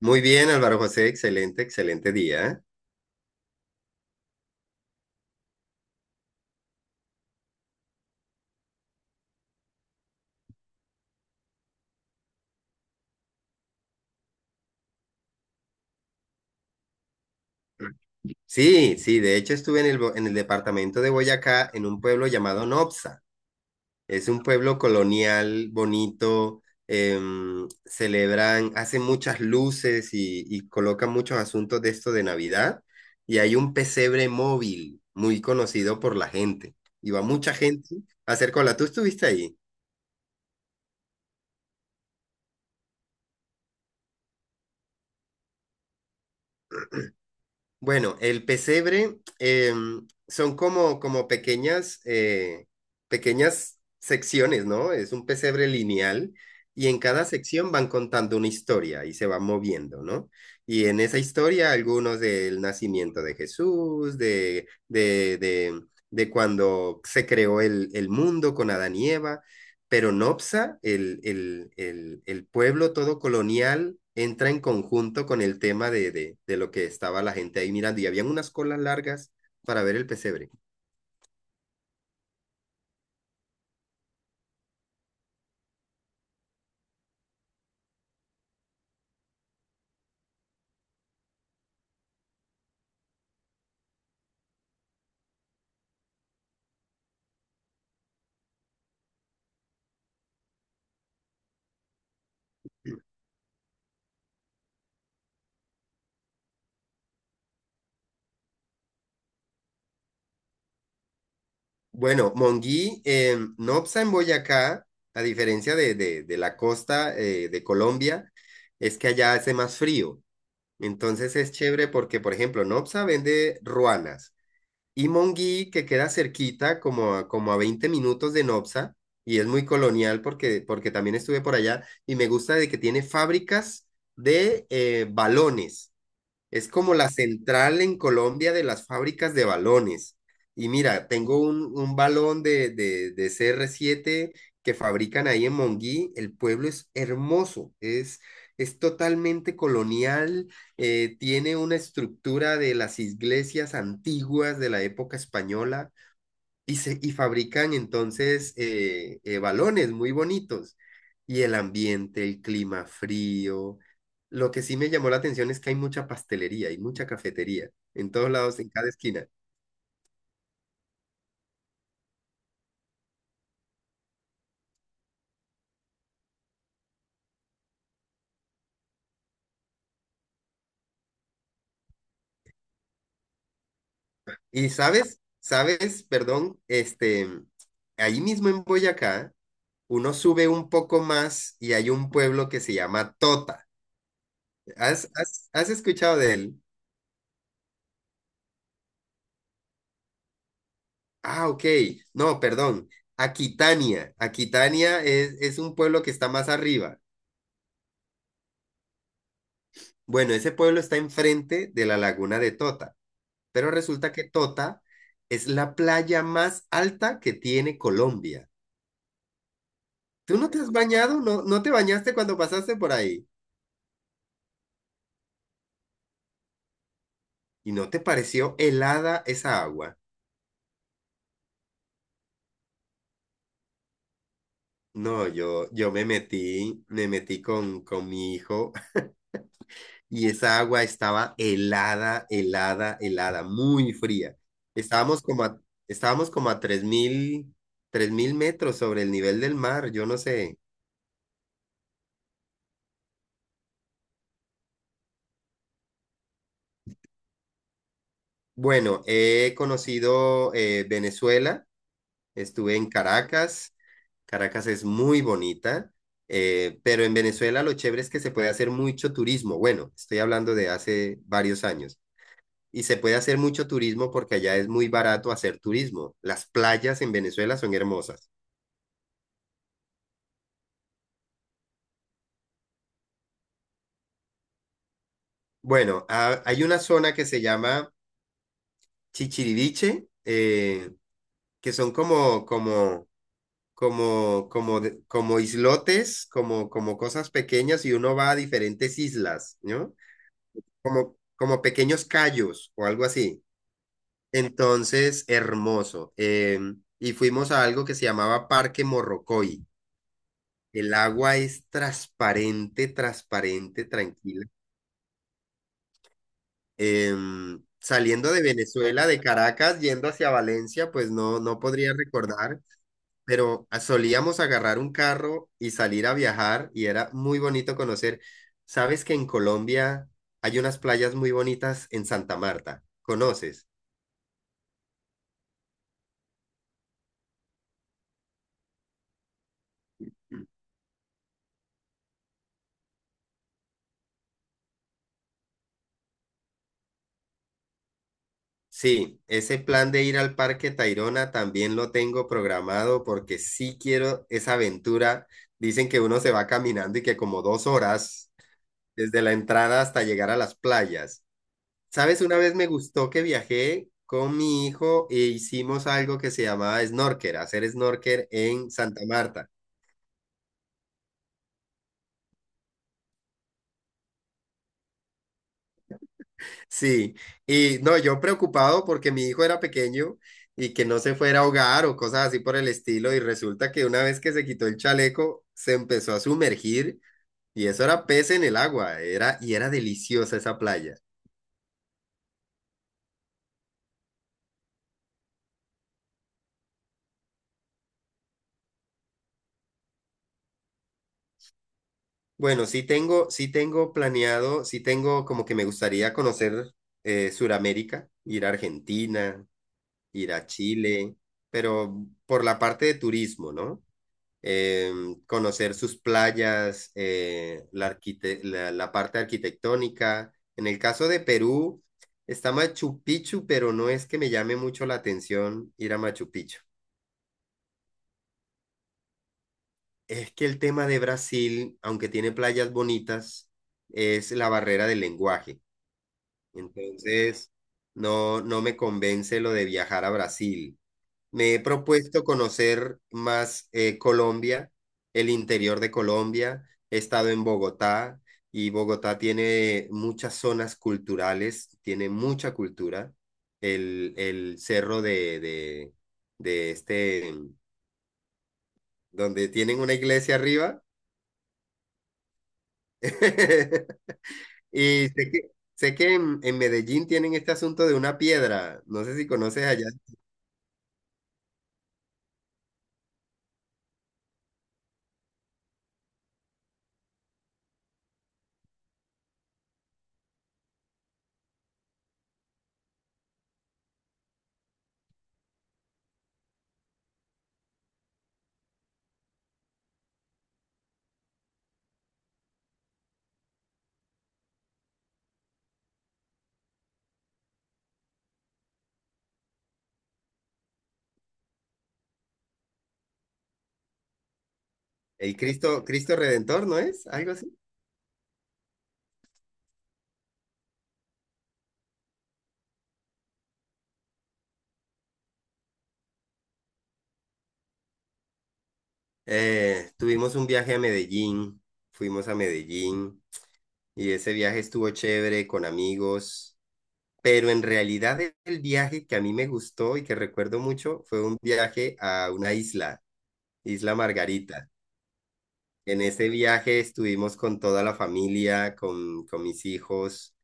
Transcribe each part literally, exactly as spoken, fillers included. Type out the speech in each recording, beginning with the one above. Muy bien, Álvaro José, excelente, excelente día. Sí, sí, de hecho estuve en el, bo- en el departamento de Boyacá, en un pueblo llamado Nopsa. Es un pueblo colonial, bonito, em, celebran, hacen muchas luces y, y colocan muchos asuntos de esto de Navidad. Y hay un pesebre móvil muy conocido por la gente. Y va mucha gente a hacer cola. ¿Tú estuviste ahí? Bueno, el pesebre em, son como, como pequeñas, eh, pequeñas secciones, ¿no? Es un pesebre lineal y en cada sección van contando una historia y se van moviendo, ¿no? Y en esa historia algunos del nacimiento de Jesús, de, de, de, de cuando se creó el, el mundo con Adán y Eva, pero Nopsa, el, el, el, el pueblo todo colonial, entra en conjunto con el tema de, de, de lo que estaba la gente ahí mirando y habían unas colas largas para ver el pesebre. Bueno, Monguí, eh, Nopsa en Boyacá, a diferencia de, de, de la costa eh, de Colombia, es que allá hace más frío. Entonces es chévere porque, por ejemplo, Nopsa vende ruanas. Y Monguí, que queda cerquita, como a, como a veinte minutos de Nopsa, y es muy colonial porque, porque también estuve por allá, y me gusta de que tiene fábricas de eh, balones. Es como la central en Colombia de las fábricas de balones. Y mira, tengo un, un balón de, de, de c r siete que fabrican ahí en Monguí. El pueblo es hermoso, es, es totalmente colonial, eh, tiene una estructura de las iglesias antiguas de la época española y, se, y fabrican entonces eh, eh, balones muy bonitos. Y el ambiente, el clima frío. Lo que sí me llamó la atención es que hay mucha pastelería y mucha cafetería en todos lados, en cada esquina. Y sabes, sabes, perdón, este, ahí mismo en Boyacá, uno sube un poco más y hay un pueblo que se llama Tota. ¿Has, has, has escuchado de él? Ah, ok. No, perdón. Aquitania. Aquitania es, es un pueblo que está más arriba. Bueno, ese pueblo está enfrente de la laguna de Tota, pero resulta que Tota es la playa más alta que tiene Colombia. ¿Tú no te has bañado? ¿No, no te bañaste cuando pasaste por ahí? ¿Y no te pareció helada esa agua? No, yo, yo me metí, me metí con, con mi hijo y esa agua estaba helada, helada, helada, muy fría. Estábamos como a, estábamos como a tres mil, tres mil metros sobre el nivel del mar, yo no sé. Bueno, he conocido eh, Venezuela, estuve en Caracas, Caracas es muy bonita, eh, pero en Venezuela lo chévere es que se puede hacer mucho turismo, bueno, estoy hablando de hace varios años, y se puede hacer mucho turismo porque allá es muy barato hacer turismo, las playas en Venezuela son hermosas. Bueno, ha- hay una zona que se llama Chichiriviche, eh, que son como, como como, como, de- como islotes, como, como cosas pequeñas y uno va a diferentes islas, ¿no? Como, como pequeños cayos o algo así. Entonces, hermoso. Eh, y fuimos a algo que se llamaba Parque Morrocoy. El agua es transparente, transparente, tranquila. Em, saliendo de Venezuela, de Caracas, yendo hacia Valencia, pues no, no podría recordar pero a- solíamos agarrar un carro y salir a viajar y era muy bonito conocer. ¿Sabes que en Colombia hay unas playas muy bonitas en Santa Marta? ¿Conoces? Sí, ese plan de ir al Parque Tayrona también lo tengo programado porque sí quiero esa aventura. Dicen que uno se va caminando y que como dos horas desde la entrada hasta llegar a las playas. ¿Sabes? Una vez me gustó que viajé con mi hijo e hicimos algo que se llamaba snorker, hacer snorker en Santa Marta. Sí, y no, yo preocupado porque mi hijo era pequeño y que no se fuera a ahogar o cosas así por el estilo, y resulta que una vez que se quitó el chaleco, se empezó a sumergir y eso era pez en el agua, era y era deliciosa esa playa. Bueno, sí tengo, sí tengo planeado, sí tengo como que me gustaría conocer eh, Suramérica, ir a Argentina, ir a Chile, pero por la parte de turismo, ¿no? Eh, Conocer sus playas, eh, la, arquite- la, la parte arquitectónica. En el caso de Perú, está Machu Picchu, pero no es que me llame mucho la atención ir a Machu Picchu. Es que el tema de Brasil, aunque tiene playas bonitas, es la barrera del lenguaje. Entonces, no, no me convence lo de viajar a Brasil. Me he propuesto conocer más eh, Colombia, el interior de Colombia. He estado en Bogotá y Bogotá tiene muchas zonas culturales, tiene mucha cultura. El, el cerro de, de, de este, donde tienen una iglesia arriba. Y sé que, sé que en, en Medellín tienen este asunto de una piedra. No sé si conoces allá. El Cristo, Cristo Redentor, ¿no es? Algo así. Eh, tuvimos un viaje a Medellín, fuimos a Medellín y ese viaje estuvo chévere con amigos, pero en realidad e- el viaje que a mí me gustó y que recuerdo mucho fue un viaje a una isla, Isla Margarita. En ese viaje estuvimos con toda la familia, con, con mis hijos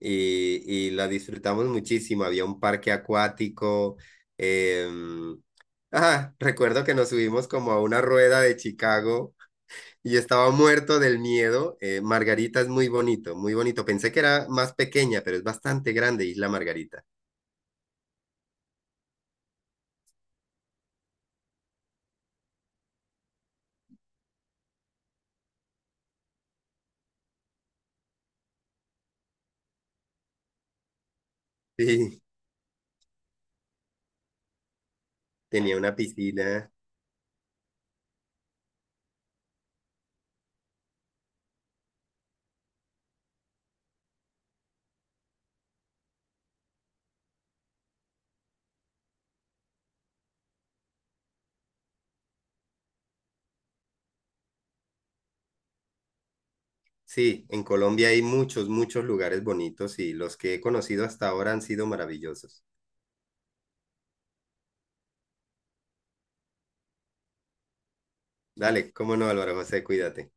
y, y la disfrutamos muchísimo. Había un parque acuático. em, ah, Recuerdo que nos subimos como a una rueda de Chicago y estaba muerto del miedo. Eh, Margarita es muy bonito, muy bonito. Pensé que era más pequeña, pero es bastante grande Isla Margarita. Sí, tenía una piscina. Sí, en Colombia hay muchos, muchos lugares bonitos y los que he conocido hasta ahora han sido maravillosos. Dale, cómo no, Álvaro José, cuídate.